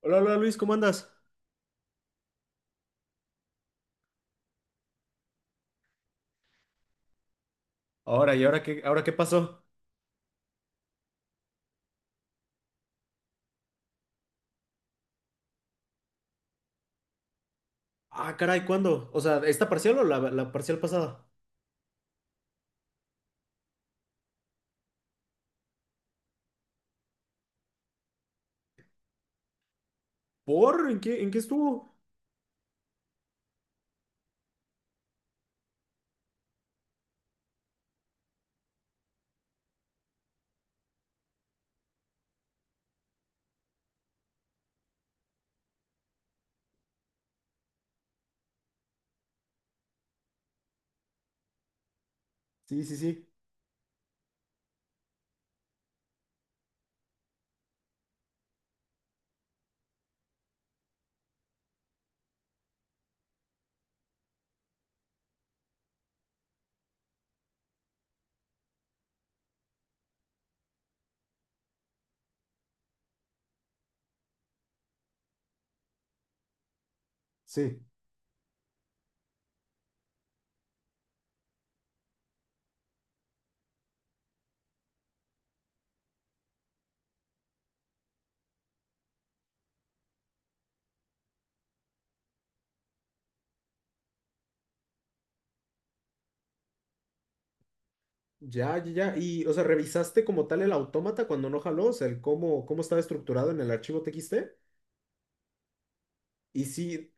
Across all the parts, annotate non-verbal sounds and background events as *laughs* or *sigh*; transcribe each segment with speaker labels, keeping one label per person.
Speaker 1: Hola, hola Luis, ¿cómo andas? Ahora, ¿ahora qué pasó? Ah, caray, ¿cuándo? O sea, ¿esta parcial o la parcial pasada? ¿Por? ¿En qué estuvo? Sí, sí, sí. Ya, ya, ya. Y, o sea, ¿revisaste como tal el autómata cuando no jaló? O sea, ¿cómo estaba estructurado en el archivo TXT? Y sí,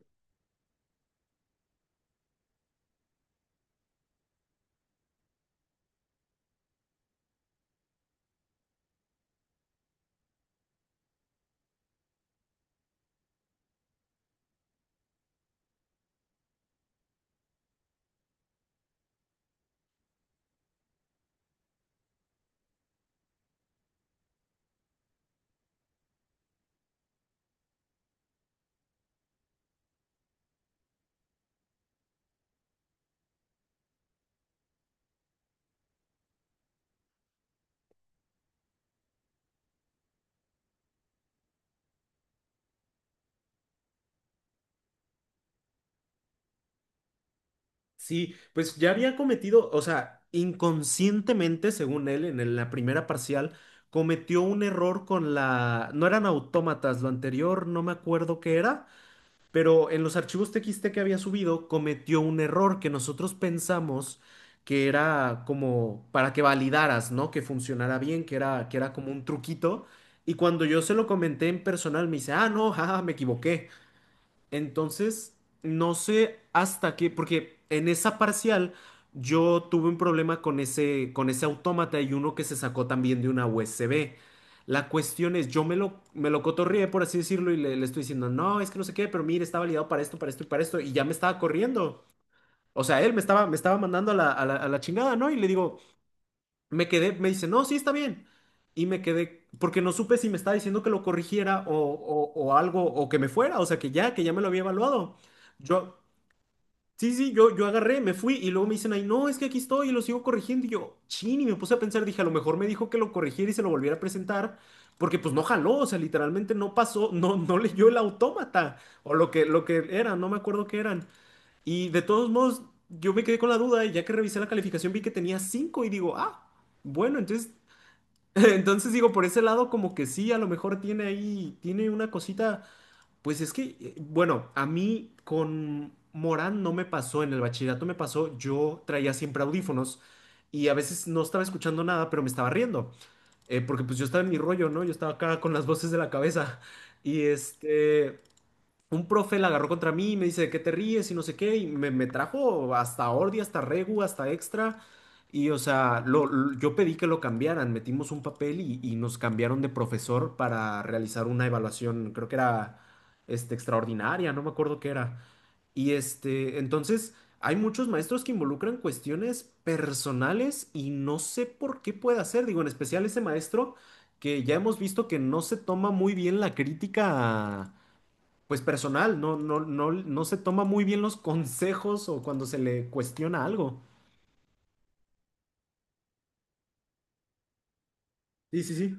Speaker 1: sí, pues ya había cometido, o sea, inconscientemente, según él, en la primera parcial, cometió un error con la… No eran autómatas, lo anterior no me acuerdo qué era. Pero en los archivos TXT que había subido cometió un error que nosotros pensamos que era como para que validaras, ¿no? Que funcionara bien, que era como un truquito. Y cuando yo se lo comenté en personal, me dice, ah, no, jaja, me equivoqué. Entonces, no sé hasta qué, porque en esa parcial yo tuve un problema con ese autómata y uno que se sacó también de una USB. La cuestión es, me lo cotorrié, por así decirlo, y le estoy diciendo, no, es que no sé qué, pero mire, está validado para esto, y ya me estaba corriendo. O sea, me estaba mandando a a la chingada, ¿no? Y le digo, me quedé, me dice, no, sí está bien. Y me quedé, porque no supe si me estaba diciendo que lo corrigiera o algo, o que me fuera, o sea, que ya me lo había evaluado. Yo, sí, sí, yo agarré, me fui y luego me dicen, ay, no, es que aquí estoy y lo sigo corrigiendo. Y yo, chin, y me puse a pensar, dije, a lo mejor me dijo que lo corrigiera y se lo volviera a presentar, porque pues no jaló, o sea, literalmente no pasó, no, no leyó el autómata o lo que era, no me acuerdo qué eran. Y de todos modos, yo me quedé con la duda y ya que revisé la calificación vi que tenía 5 y digo, ah. Bueno, entonces… *laughs* Entonces digo, por ese lado como que sí, a lo mejor tiene ahí, tiene una cosita, pues es que, bueno, a mí con Morán no me pasó, en el bachillerato me pasó, yo traía siempre audífonos y a veces no estaba escuchando nada, pero me estaba riendo, porque pues yo estaba en mi rollo, ¿no? Yo estaba acá con las voces de la cabeza y un profe la agarró contra mí y me dice, ¿de qué te ríes? Y no sé qué, y me trajo hasta Ordi, hasta Regu, hasta Extra. Y o sea, yo pedí que lo cambiaran, metimos un papel y nos cambiaron de profesor para realizar una evaluación, creo que era extraordinaria, no me acuerdo qué era. Y este, entonces hay muchos maestros que involucran cuestiones personales y no sé por qué puede hacer, digo, en especial ese maestro que ya hemos visto que no se toma muy bien la crítica pues personal, no se toma muy bien los consejos o cuando se le cuestiona algo. Sí, sí, sí.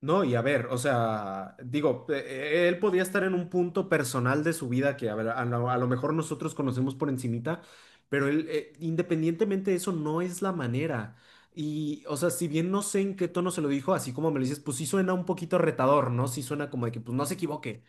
Speaker 1: No, y a ver, o sea, digo, él podía estar en un punto personal de su vida que, a ver, a a lo mejor nosotros conocemos por encimita, pero él, independientemente de eso, no es la manera. Y, o sea, si bien no sé en qué tono se lo dijo, así como me lo dices, pues sí suena un poquito retador, ¿no? Sí suena como de que, pues no se equivoque.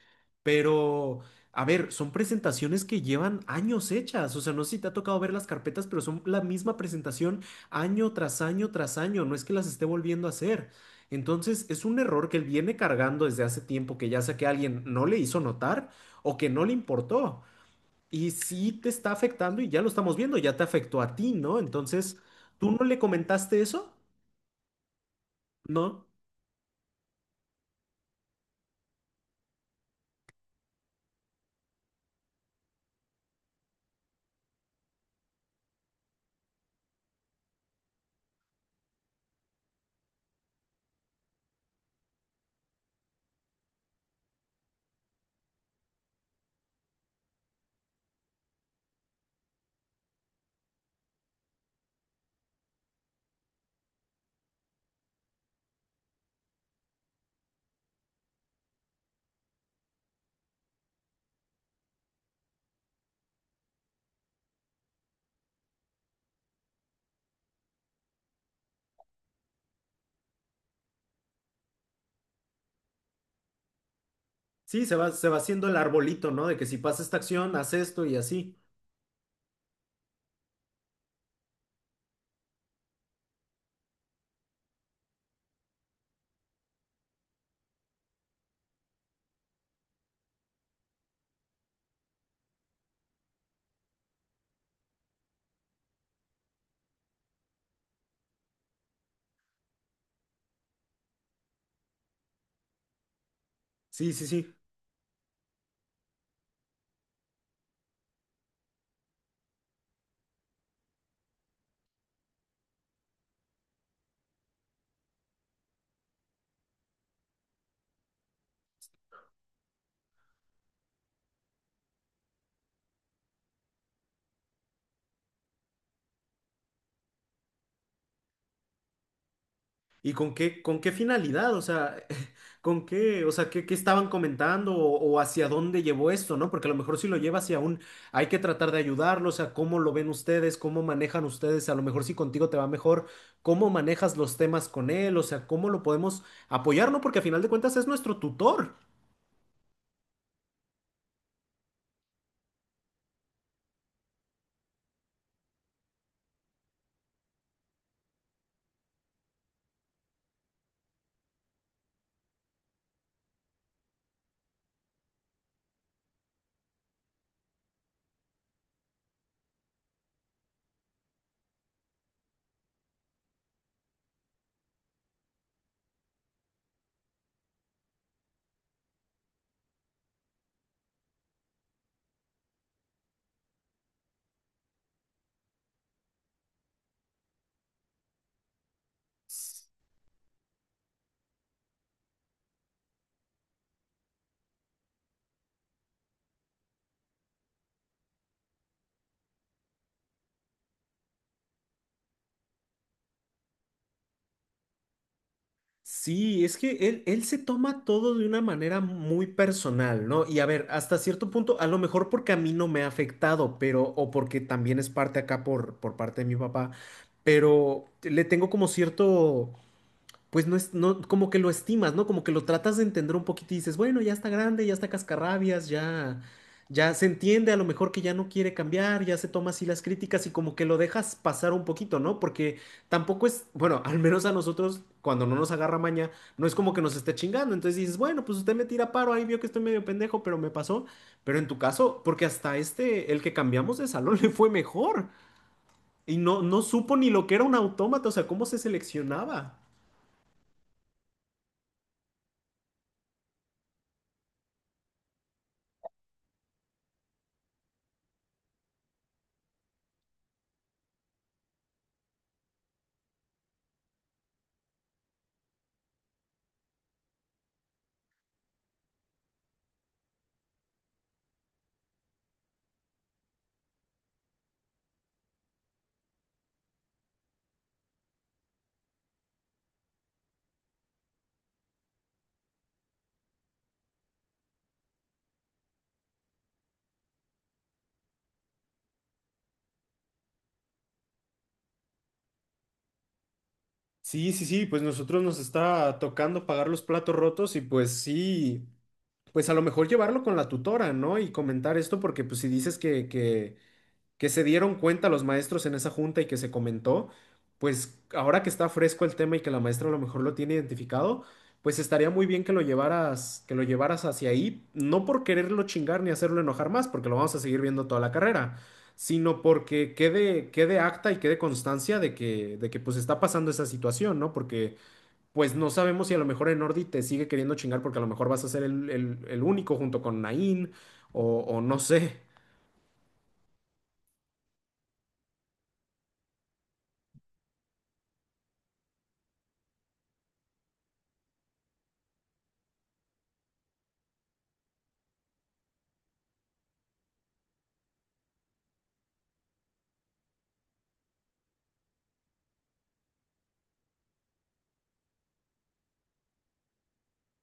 Speaker 1: Pero, a ver, son presentaciones que llevan años hechas. O sea, no sé si te ha tocado ver las carpetas, pero son la misma presentación año tras año tras año. No es que las esté volviendo a hacer. Entonces, es un error que él viene cargando desde hace tiempo que ya sea que alguien no le hizo notar o que no le importó. Y sí te está afectando y ya lo estamos viendo, ya te afectó a ti, ¿no? Entonces, ¿tú no le comentaste eso? No. Sí, se va haciendo el arbolito, ¿no? De que si pasa esta acción, haz esto y así. Sí, sí, sí. ¿Con qué finalidad? O sea, *laughs* ¿con qué? O sea, ¿qué estaban comentando o hacia dónde llevó esto, ¿no? Porque a lo mejor si lo lleva hacia un, hay que tratar de ayudarlo, o sea, ¿cómo lo ven ustedes? ¿Cómo manejan ustedes? A lo mejor si contigo te va mejor, ¿cómo manejas los temas con él? O sea, ¿cómo lo podemos apoyar, ¿no? Porque a final de cuentas es nuestro tutor. Sí, es que él se toma todo de una manera muy personal, ¿no? Y a ver, hasta cierto punto, a lo mejor porque a mí no me ha afectado, pero, o porque también es parte acá por parte de mi papá, pero le tengo como cierto pues no es, no, como que lo estimas, ¿no? Como que lo tratas de entender un poquito y dices, bueno, ya está grande, ya está cascarrabias, ya, ya se entiende a lo mejor que ya no quiere cambiar, ya se toma así las críticas y como que lo dejas pasar un poquito, ¿no? Porque tampoco es, bueno, *laughs* al menos a nosotros, cuando no nos agarra maña, no es como que nos esté chingando, entonces dices, bueno, pues usted me tira paro, ahí vio que estoy medio pendejo, pero me pasó, pero en tu caso, porque hasta este, el que cambiamos de salón *laughs* le fue mejor. Y no, no supo ni lo que era un autómata, o sea, cómo se seleccionaba. Sí, sí, sí, pues nosotros nos está tocando pagar los platos rotos y pues sí, pues a lo mejor llevarlo con la tutora, ¿no? Y comentar esto porque pues si dices que se dieron cuenta los maestros en esa junta y que se comentó, pues ahora que está fresco el tema y que la maestra a lo mejor lo tiene identificado, pues estaría muy bien que lo llevaras hacia ahí, no por quererlo chingar ni hacerlo enojar más, porque lo vamos a seguir viendo toda la carrera, sino porque quede, quede acta y quede constancia de de que pues está pasando esa situación, ¿no? Porque pues no sabemos si a lo mejor Enordi te sigue queriendo chingar porque a lo mejor vas a ser el único junto con Nain o no sé.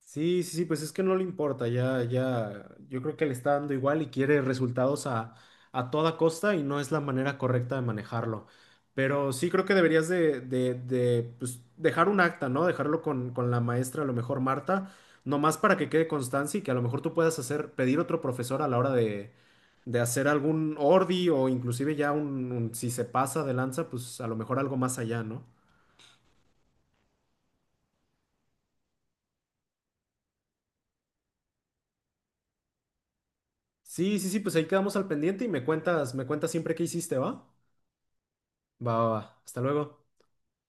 Speaker 1: Sí, sí, sí, pues es que no le importa, ya, ya, yo creo que le está dando igual y quiere resultados a toda costa y no es la manera correcta de manejarlo. Pero sí creo que deberías de, pues, dejar un acta, ¿no? Dejarlo con la maestra, a lo mejor Marta, nomás para que quede constancia y que a lo mejor tú puedas hacer, pedir otro profesor a la hora de hacer algún ordi o inclusive ya si se pasa de lanza, pues a lo mejor algo más allá, ¿no? Sí, sí, sí, pues ahí quedamos al pendiente y me cuentas siempre qué hiciste, ¿va? Va, va, va. Hasta luego.